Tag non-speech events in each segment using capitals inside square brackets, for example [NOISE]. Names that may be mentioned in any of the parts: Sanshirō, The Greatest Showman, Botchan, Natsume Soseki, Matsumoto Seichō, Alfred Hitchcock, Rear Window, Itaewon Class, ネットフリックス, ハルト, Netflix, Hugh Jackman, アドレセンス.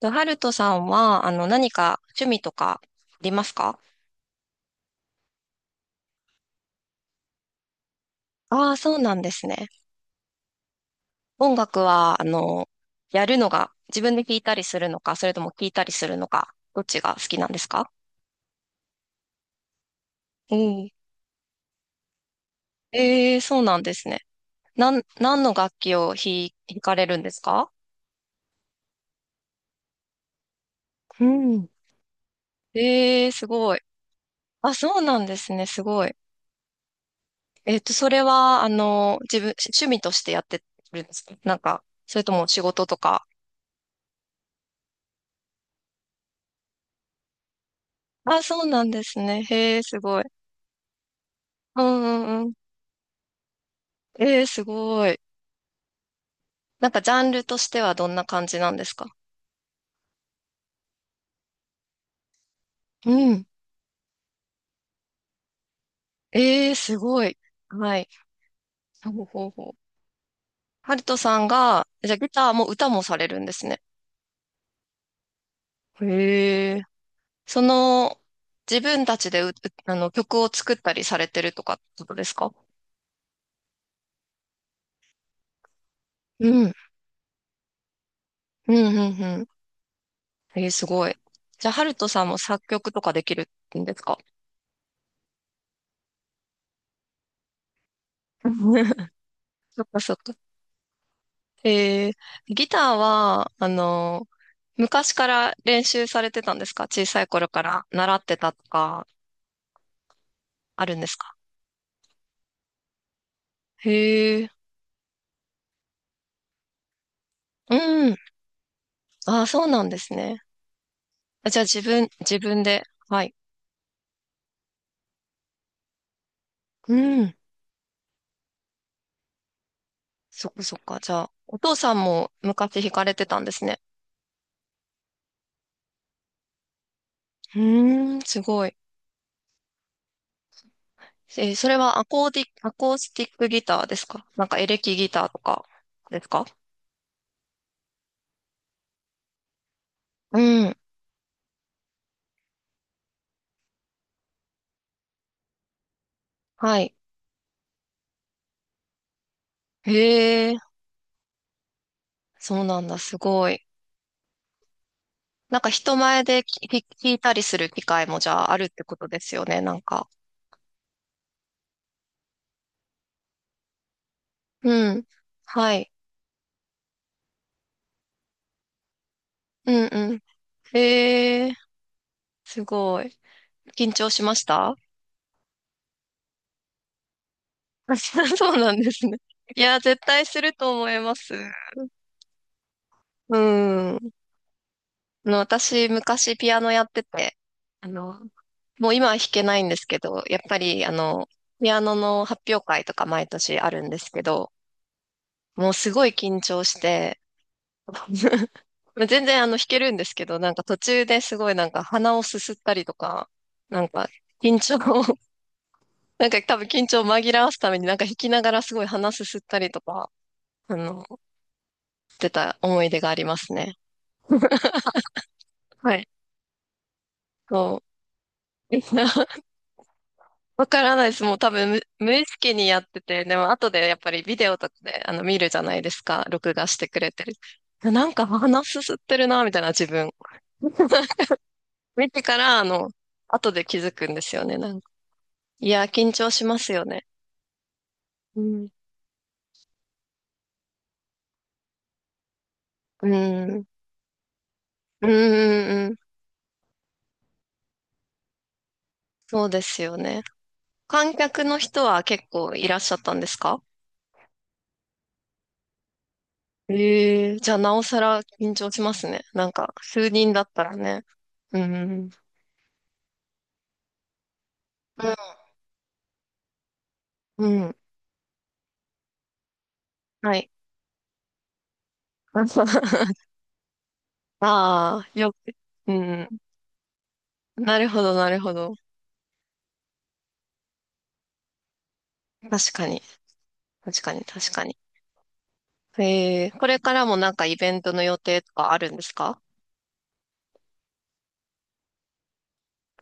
と、ハルトさんは、何か趣味とかありますか？ああー、そうなんですね。音楽は、やるのが、自分で聴いたりするのか、それとも聴いたりするのか、どっちが好きなんですか？うん。ええ、そうなんですね。何の楽器を弾かれるんですか？うん。ええ、すごい。あ、そうなんですね、すごい。それは、趣味としてやってるんですか？なんか、それとも仕事とか。あ、そうなんですね。へえ、すごい。うんうんうん。ええ、すごい。なんかジャンルとしてはどんな感じなんですか？うん。ええ、すごい。はい。ほうほうほう。ハルトさんが、じゃあギターも歌もされるんですね。へえ。その、自分たちで曲を作ったりされてるとかってことですか？うん。うん、うん、うん。ええ、すごい。じゃあ、ハルトさんも作曲とかできるんですか？ [LAUGHS] そっかそっか。えギターは、昔から練習されてたんですか？小さい頃から習ってたとか、あるんですか？へえ、うん。ああ、そうなんですね。あ、じゃあ自分で、はい。うん。そっかそっか。じゃあ、お父さんも昔弾かれてたんですね。うーん、すごい。それはアコースティックギターですか？なんかエレキギターとかですか？うん。はい。へえ、そうなんだ。すごい。なんか人前で聞いたりする機会もじゃああるってことですよね、なんか。うん。はい。うんうん。えー、すごい。緊張しました？ [LAUGHS] そうなんですね。いや、絶対すると思います。うん。私、昔ピアノやってて、あの、もう今は弾けないんですけど、やっぱり、ピアノの発表会とか毎年あるんですけど、もうすごい緊張して、[LAUGHS] 全然弾けるんですけど、なんか途中ですごいなんか鼻をすすったりとか、なんか緊張を、[LAUGHS] なんか多分緊張を紛らわすためになんか弾きながらすごい鼻すすったりとか、あの、してた思い出がありますね。はい。そう。[LAUGHS] わからないです。もう多分無意識にやってて、でも後でやっぱりビデオとかで見るじゃないですか。録画してくれてる。なんか鼻すすってるな、みたいな自分。見てから、後で気づくんですよね。なんか、いや、緊張しますよね。うん。うん。うん、うんうん。そうですよね。観客の人は結構いらっしゃったんですか？ええー、じゃあなおさら緊張しますね。なんか、数人だったらね。うん。うん。うん、はい。[LAUGHS] ああ、よく。うん。なるほど、なるほど。確かに。確かに、確かに。ええー、これからもなんかイベントの予定とかあるんですか？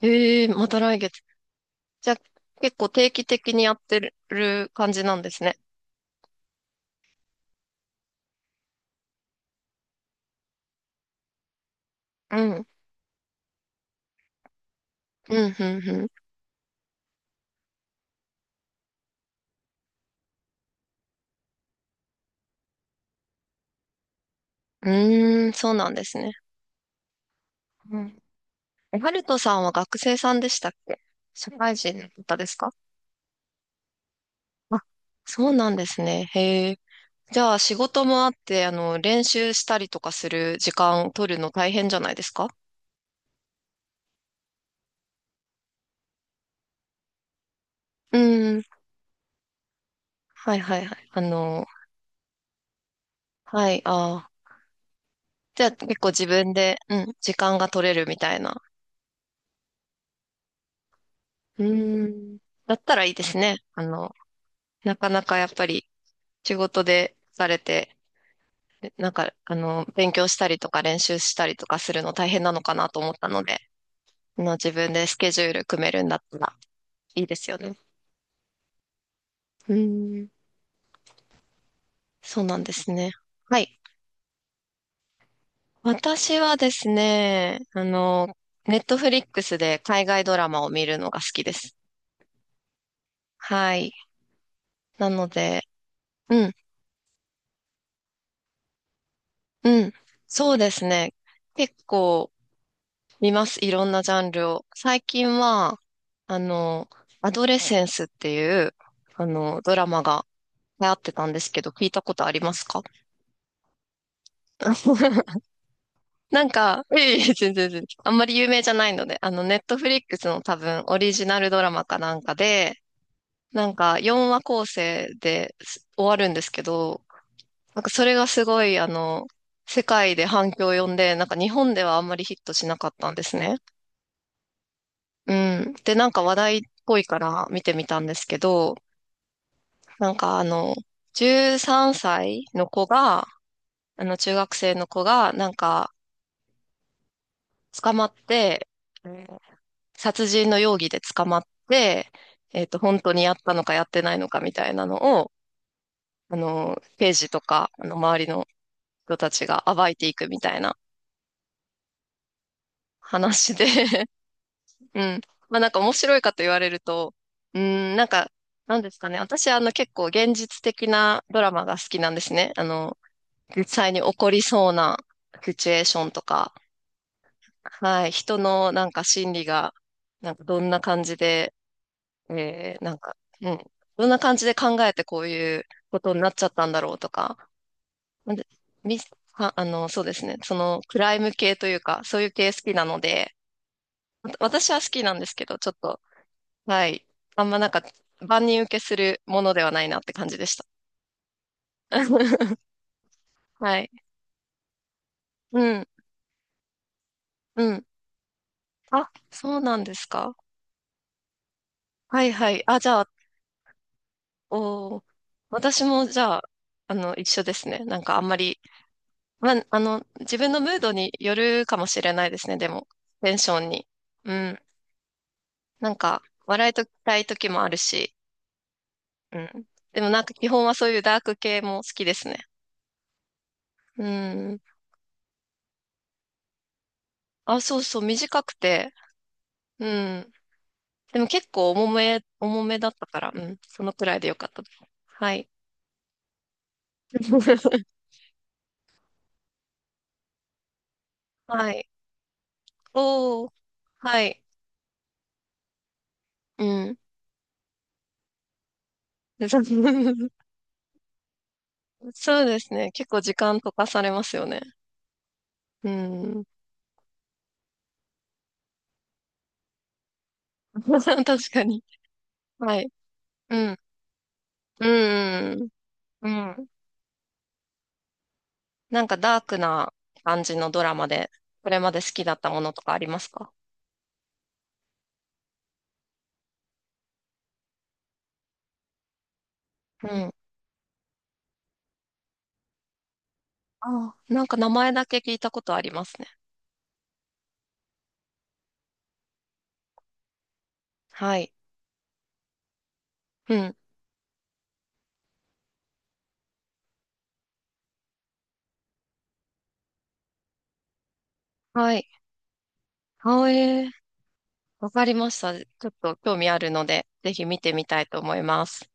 ええー、また来月。じゃあ、結構定期的にやってる感じなんですね。うん。うん、うん、うん。うーん、そうなんですね。うん。え、ハルトさんは学生さんでしたっけ？社会人の方ですか？あ、そうなんですね。へえ。じゃあ、仕事もあって、練習したりとかする時間取るの大変じゃないですか？うん。はい、はい、はい。はい、ああ。じゃあ、結構自分で、うん、時間が取れるみたいな。うん。だったらいいですね。なかなかやっぱり仕事で疲れて、なんか、勉強したりとか練習したりとかするの大変なのかなと思ったので、自分でスケジュール組めるんだったらいいですよね。うん、そうなんですね。はい。私はですね、ネットフリックスで海外ドラマを見るのが好きです。はい。なので、うん、うん。そうですね。結構、見ます。いろんなジャンルを。最近は、あの、アドレセンスっていう、ドラマが流行ってたんですけど、聞いたことありますか？ [LAUGHS] なんか、いえいえ、全然全然。あんまり有名じゃないので、ネットフリックスの多分オリジナルドラマかなんかで、なんか4話構成です終わるんですけど、なんかそれがすごい、世界で反響を呼んで、なんか日本ではあんまりヒットしなかったんですね。うん。で、なんか話題っぽいから見てみたんですけど、なんか13歳の子が、中学生の子が、なんか、捕まって、えー殺人の容疑で捕まって、本当にやったのかやってないのかみたいなのを、刑事とか、周りの人たちが暴いていくみたいな話で。うん。まあなんか面白いかと言われると、うーん、なんか、なんですかね。私結構現実的なドラマが好きなんですね。実際に起こりそうなシチュエーションとか、はい、人のなんか心理が、なんかどんな感じで、なんか、うん、どんな感じで考えてこういうことになっちゃったんだろうとか、なんで、み、あ、そうですね。そのクライム系というか、そういう系好きなので、私は好きなんですけど、ちょっと、はい。あんまなんか、万人受けするものではないなって感じでした。[LAUGHS] はい。うん、うん。あ、そうなんですか。はいはい。あ、じゃあ、おー、私もじゃあ、一緒ですね。なんかあんまり、まあ、自分のムードによるかもしれないですね、でも、テンションに。うん。なんか、笑いとたい時もあるし、うん。でもなんか基本はそういうダーク系も好きですね。うん。あ、そうそう、短くて、うん。でも結構重め、重めだったから、うん、そのくらいでよかったです。はい。[LAUGHS] はい。おー、はい。うん。でそ [LAUGHS] そうですね。結構時間溶かされますよね。うん。[LAUGHS] 確かに。はい。うん。うん。うん。うん、なんかダークな感じのドラマで、これまで好きだったものとかありますか？うん。ああ、なんか名前だけ聞いたことありますね。はい。うん。はい。あえわかりました。ちょっと興味あるので、ぜひ見てみたいと思います。